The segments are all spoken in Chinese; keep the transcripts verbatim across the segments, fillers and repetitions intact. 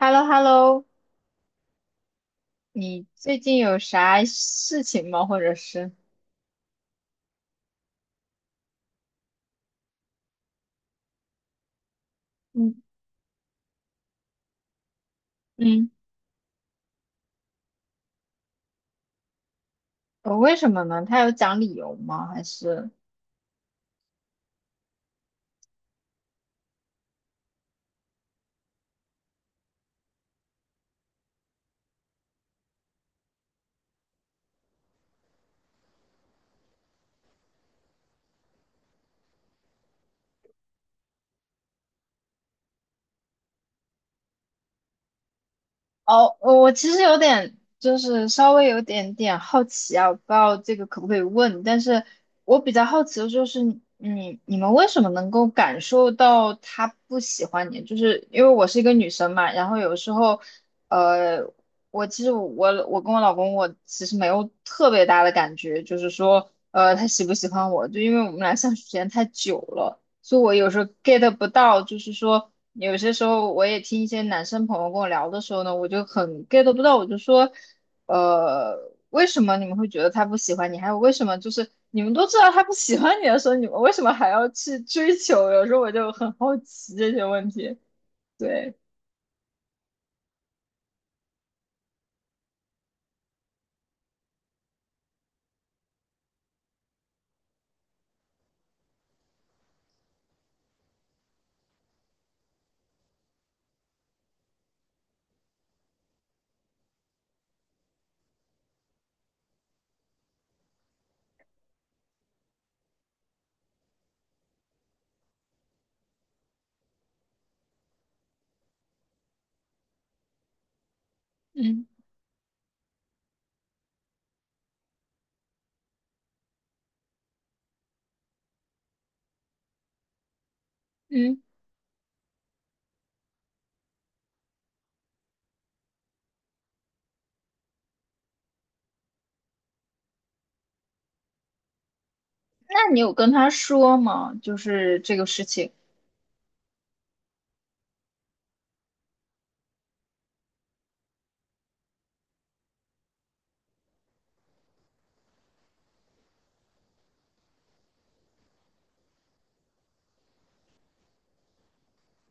h e l l o h e l l o 你最近有啥事情吗？或者是，嗯嗯，呃为什么呢？他有讲理由吗？还是？哦，我我其实有点，就是稍微有点点好奇啊，我不知道这个可不可以问，但是我比较好奇的就是，你你们为什么能够感受到他不喜欢你？就是因为我是一个女生嘛，然后有时候，呃，我其实我我跟我老公，我其实没有特别大的感觉，就是说，呃，他喜不喜欢我，就因为我们俩相处时间太久了。所以我有时候 get 不到，就是说有些时候我也听一些男生朋友跟我聊的时候呢，我就很 get 不到，我就说，呃，为什么你们会觉得他不喜欢你？还有为什么就是你们都知道他不喜欢你的时候，你们为什么还要去追求？有时候我就很好奇这些问题。对，嗯嗯，那你有跟他说吗？就是这个事情。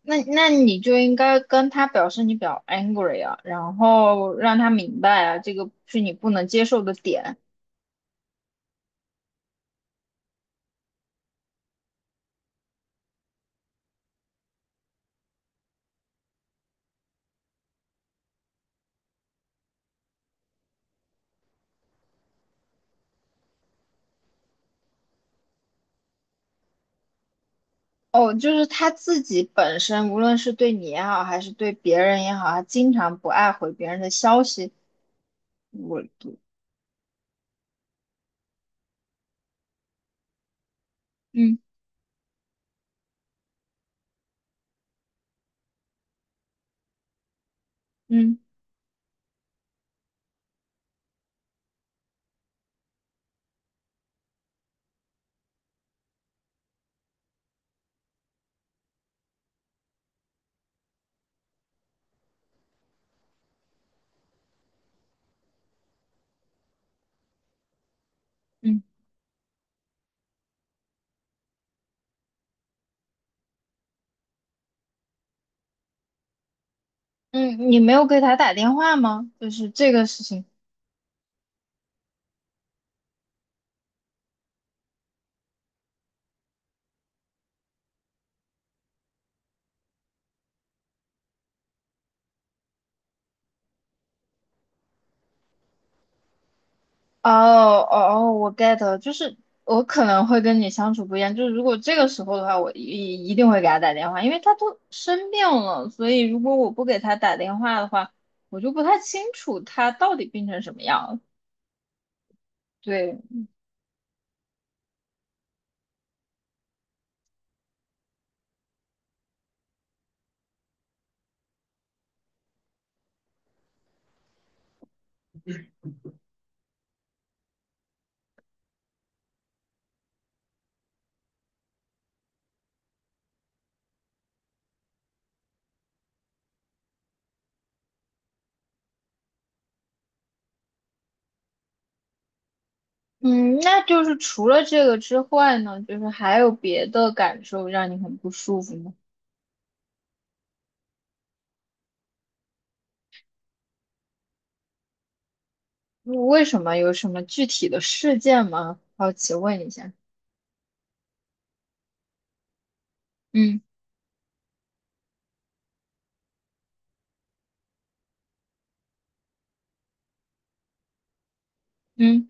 那那你就应该跟他表示你比较 angry 啊，然后让他明白啊，这个是你不能接受的点。哦，就是他自己本身，无论是对你也好，还是对别人也好，他经常不爱回别人的消息。我，嗯嗯嗯嗯，你没有给他打电话吗？就是这个事情。哦哦哦，我 get 了，就是我可能会跟你相处不一样，就是如果这个时候的话，我一一定会给他打电话，因为他都生病了，所以如果我不给他打电话的话，我就不太清楚他到底病成什么样了。对，嗯，那就是除了这个之外呢，就是还有别的感受让你很不舒服吗？嗯为什么？有什么具体的事件吗？好奇问一下。嗯嗯，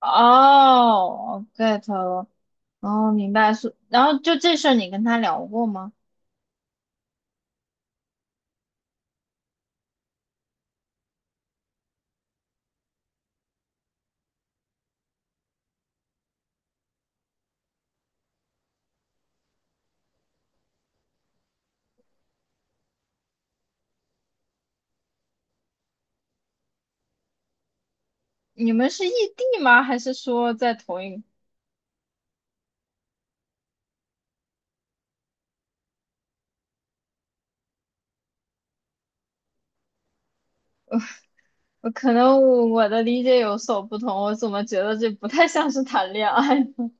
哦，get 了。哦，明白是，然后就这事儿你跟他聊过吗？你们是异地吗？还是说在同一？我可能我我的理解有所不同，我怎么觉得这不太像是谈恋爱呢？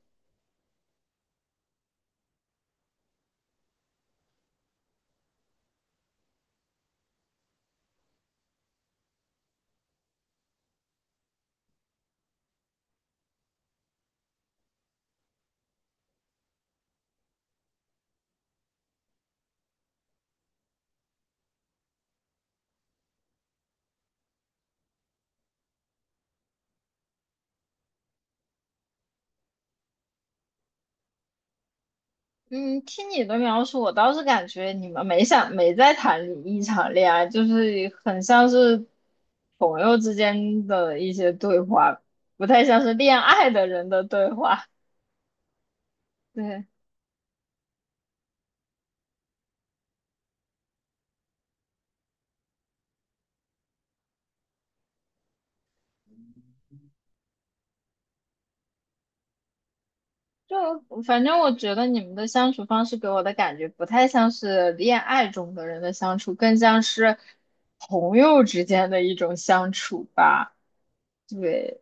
嗯，听你的描述，我倒是感觉你们没想没在谈一场恋爱，就是很像是朋友之间的一些对话，不太像是恋爱的人的对话。对。就反正我觉得你们的相处方式给我的感觉不太像是恋爱中的人的相处，更像是朋友之间的一种相处吧。对，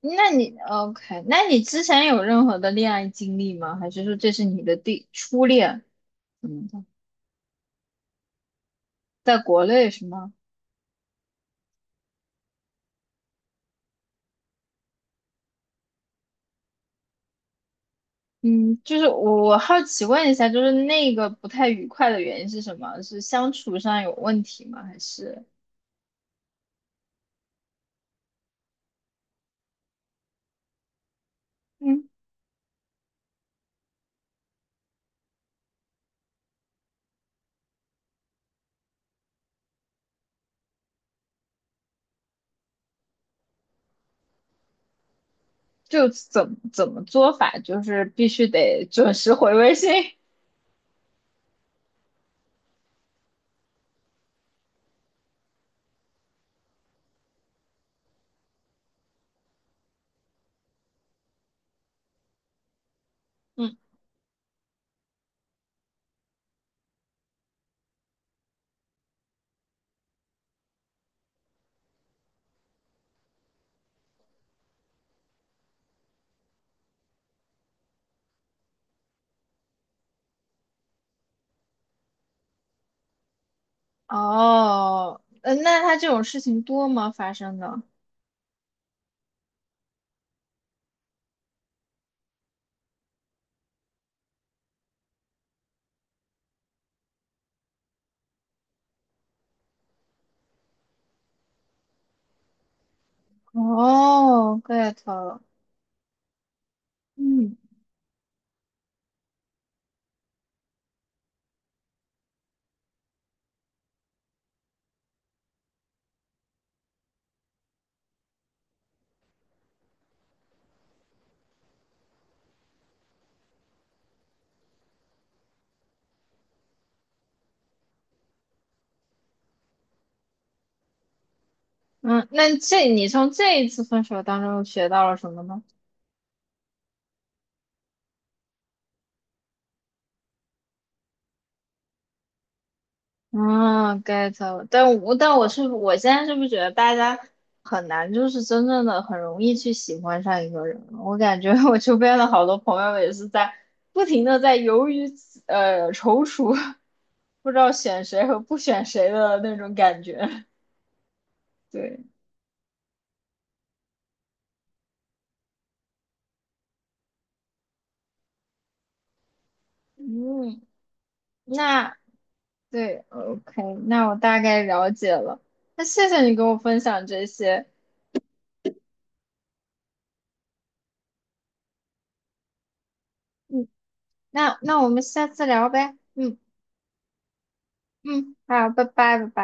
那你 OK？那你之前有任何的恋爱经历吗？还是说这是你的第初恋？嗯，在国内是吗？嗯，就是我我好奇问一下，就是那个不太愉快的原因是什么？是相处上有问题吗？还是？嗯？就怎么怎么做法，就是必须得准时回微信。嗯，哦，呃，那他这种事情多吗？发生的？哦，get 了。嗯嗯，那这你从这一次分手当中又学到了什么呢？啊，get 了。但我但我是我现在是不是觉得大家很难，就是真正的很容易去喜欢上一个人了。我感觉我周边的好多朋友也是在不停的在犹豫，呃踌躇，不知道选谁和不选谁的那种感觉。对，嗯，那对呃，OK，那我大概了解了。那谢谢你跟我分享这些，嗯，那那我们下次聊呗，嗯嗯，好，拜拜，拜拜。